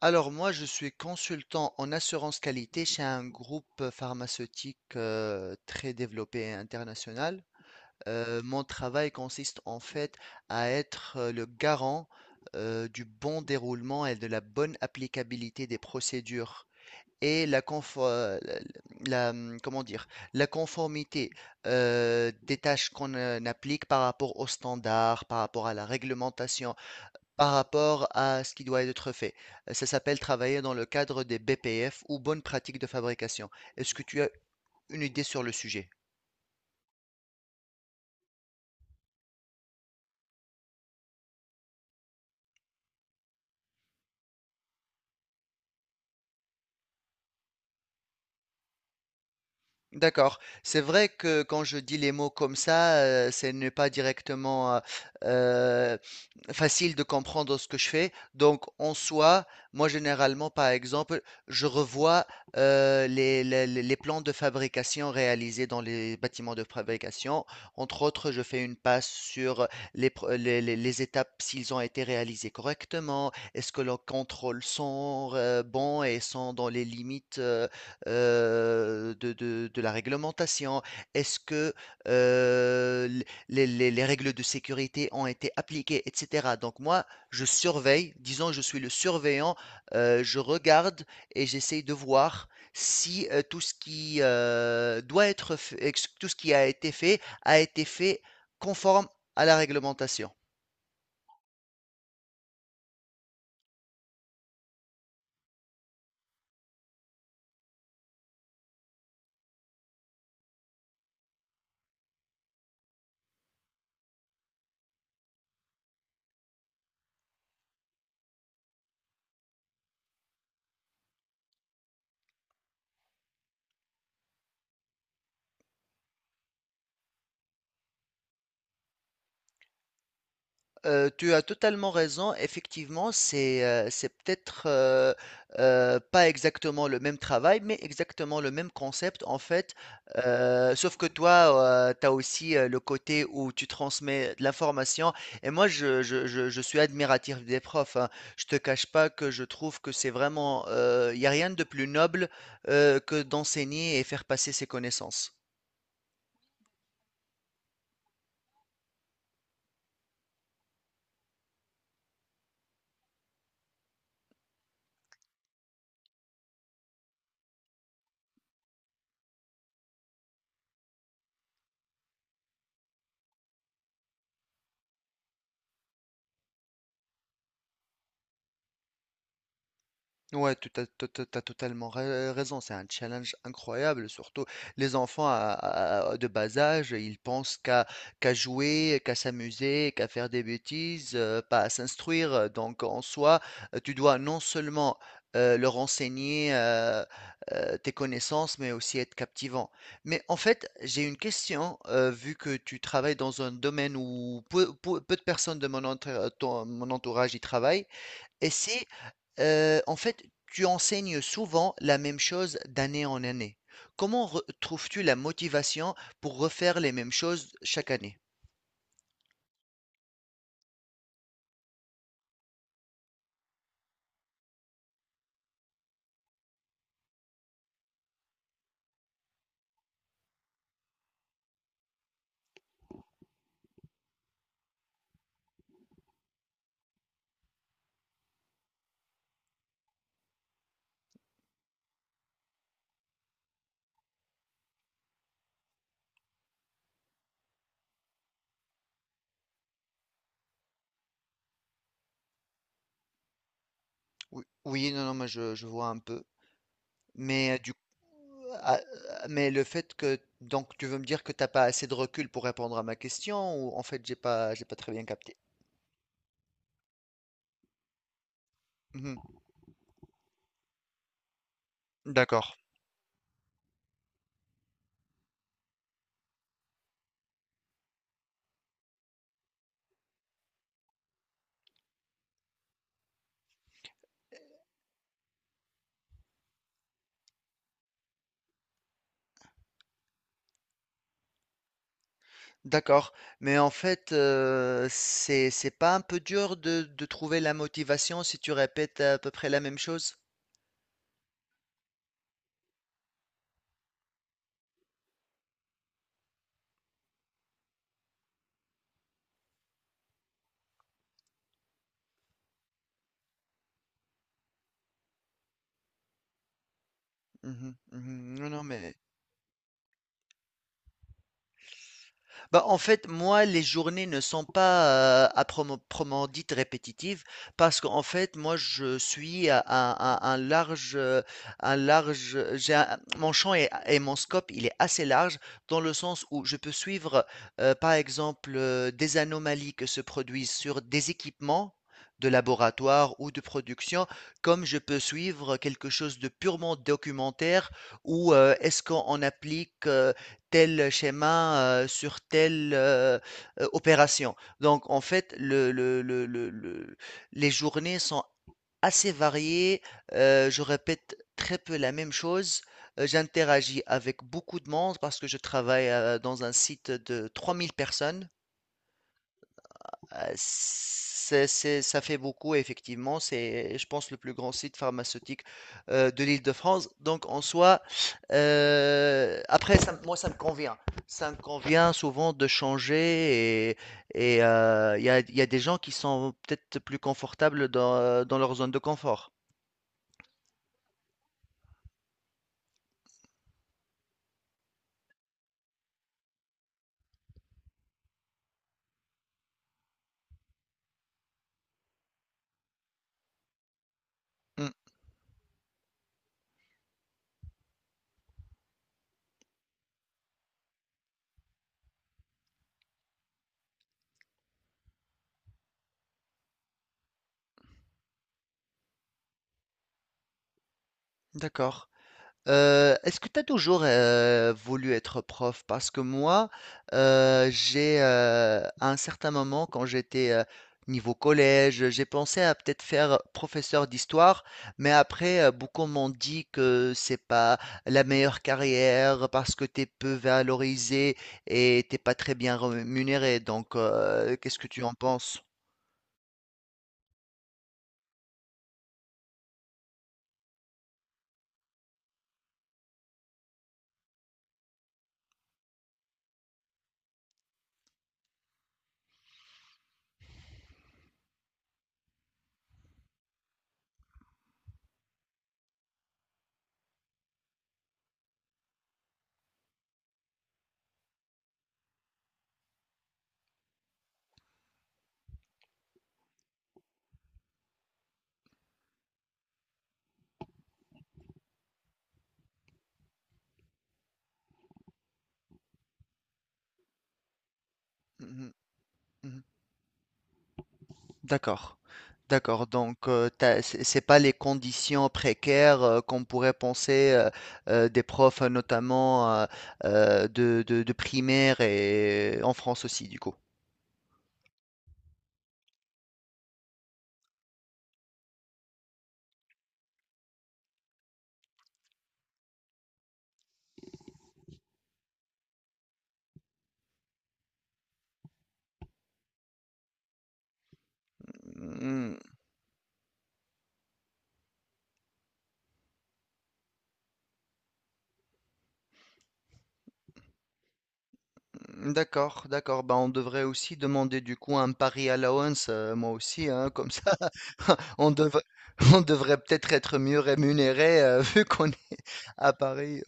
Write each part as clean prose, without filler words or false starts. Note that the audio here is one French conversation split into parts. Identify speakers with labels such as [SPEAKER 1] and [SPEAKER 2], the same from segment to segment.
[SPEAKER 1] Alors moi, je suis consultant en assurance qualité chez un groupe pharmaceutique très développé et international. Mon travail consiste en fait à être le garant du bon déroulement et de la bonne applicabilité des procédures et la, confo- la, la- comment dire, la conformité des tâches qu'on applique par rapport aux standards, par rapport à la réglementation, par rapport à ce qui doit être fait. Ça s'appelle travailler dans le cadre des BPF ou bonnes pratiques de fabrication. Est-ce que tu as une idée sur le sujet? D'accord. C'est vrai que quand je dis les mots comme ça, ce n'est pas directement euh, facile de comprendre ce que je fais. Donc, en soi, moi, généralement, par exemple, je revois les plans de fabrication réalisés dans les bâtiments de fabrication. Entre autres, je fais une passe sur les, pro- les étapes, s'ils ont été réalisés correctement, est-ce que leurs contrôles sont bons et sont dans les limites. De la réglementation. Est-ce que, heu, les règles de sécurité ont été appliquées et cetera? Donc moi, je surveille, disons je suis le surveillant, je regarde et j'essaye de voir si, tout ce qui, doit être f ex tout ce qui a été fait conforme à la réglementation. Tu as totalement raison. Effectivement, c'est peut-être pas exactement le même travail, mais exactement le même concept en fait. Sauf que toi, tu as aussi le côté où tu transmets de l'information. Et moi, je suis admiratif des profs, hein. Je te cache pas que je trouve que c'est vraiment, il n'y a rien de plus noble que d'enseigner et faire passer ses connaissances. Ouais, tu as totalement raison, c'est un challenge incroyable, surtout les enfants de bas âge, ils pensent qu'à jouer, qu'à s'amuser, qu'à faire des bêtises, pas à s'instruire. Donc en soi, tu dois non seulement leur enseigner tes connaissances, mais aussi être captivant. Mais en fait, j'ai une question, vu que tu travailles dans un domaine où peu de personnes de mon entourage y travaillent. Et c'est, en fait, tu enseignes souvent la même chose d'année en année. Comment re trouves-tu la motivation pour refaire les mêmes choses chaque année? Ou oui, non, non, mais je vois un peu, mais du coup, mais le fait que donc tu veux me dire que t'as pas assez de recul pour répondre à ma question ou en fait, j'ai pas très bien capté? Mmh. D'accord, d'accord. Mais en fait, c'est pas un peu dur de trouver la motivation si tu répètes à peu près la même chose? Mhm, mhm. Non, non. mais Bah, en fait, moi, les journées ne sont pas, à promo proprement dites répétitives parce qu'en fait, moi, je suis à un large, j'ai un mon champ et mon scope, il est assez large dans le sens où je peux suivre, par exemple, des anomalies que se produisent sur des équipements de laboratoire ou de production, comme je peux suivre quelque chose de purement documentaire ou est-ce qu'on applique, tel schéma, sur telle, opération. Donc en fait, le les journées sont assez variées, je répète très peu la même chose, j'interagis avec beaucoup de monde parce que je travaille, dans un site de 3 000 personnes. Ça fait beaucoup, effectivement. C'est, je pense, le plus grand site pharmaceutique de l'Île-de-France. Donc, en soi, après, moi, ça me convient. Ça me convient souvent de changer. Il y a des gens qui sont peut-être plus confortables dans leur zone de confort. Hmm. D'accord. Est-ce que tu as toujours, voulu être prof? Parce que moi, à un certain moment quand j'étais, niveau collège, j'ai pensé à peut-être faire professeur d'histoire, mais après, beaucoup m'ont dit que c'est pas la meilleure carrière parce que tu es peu valorisé et t'es pas très bien rémunéré. Donc, qu'est-ce que tu en penses? Mhm, mhm. D'accord. D'accord. Donc, c'est pas les conditions précaires qu'on pourrait penser des profs, notamment de primaire et en France aussi, du coup. Mm. D'accord, d'accord. Bah, on devrait aussi demander du coup un pari allowance, moi aussi, hein, comme ça, on devrait, on devrait peut-être être mieux rémunéré vu qu'on est à Paris.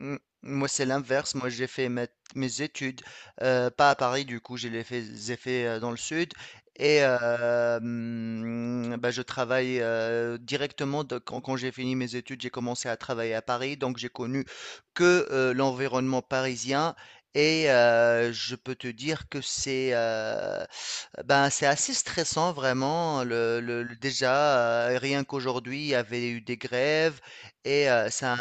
[SPEAKER 1] Mm. Moi, c'est l'inverse. Moi, j'ai fait mes études, pas à Paris, du coup, j'ai fait dans le sud. Et bah, je travaille directement, quand j'ai fini mes études, j'ai commencé à travailler à Paris. Donc, j'ai connu que l'environnement parisien. Et je peux te dire que c'est ben, c'est assez stressant, vraiment. Déjà, rien qu'aujourd'hui, il y avait eu des grèves. Et ça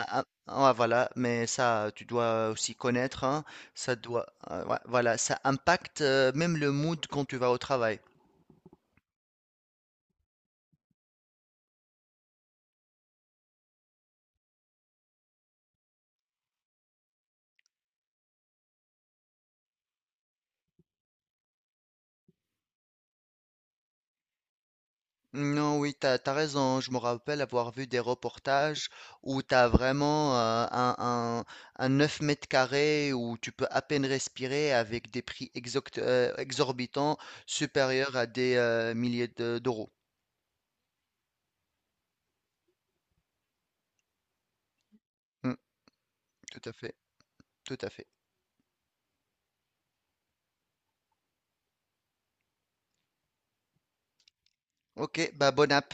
[SPEAKER 1] ah voilà, mais ça, tu dois aussi connaître, hein, ça doit, ouais, voilà, ça impacte même le mood quand tu vas au travail. Non, oui, t'as raison, hein. Je me rappelle avoir vu des reportages où t'as vraiment un 9 mètres carrés où tu peux à peine respirer avec des prix exorbitants supérieurs à des milliers d'euros. Mm, tout à fait, tout à fait. Ok, bah bonne app.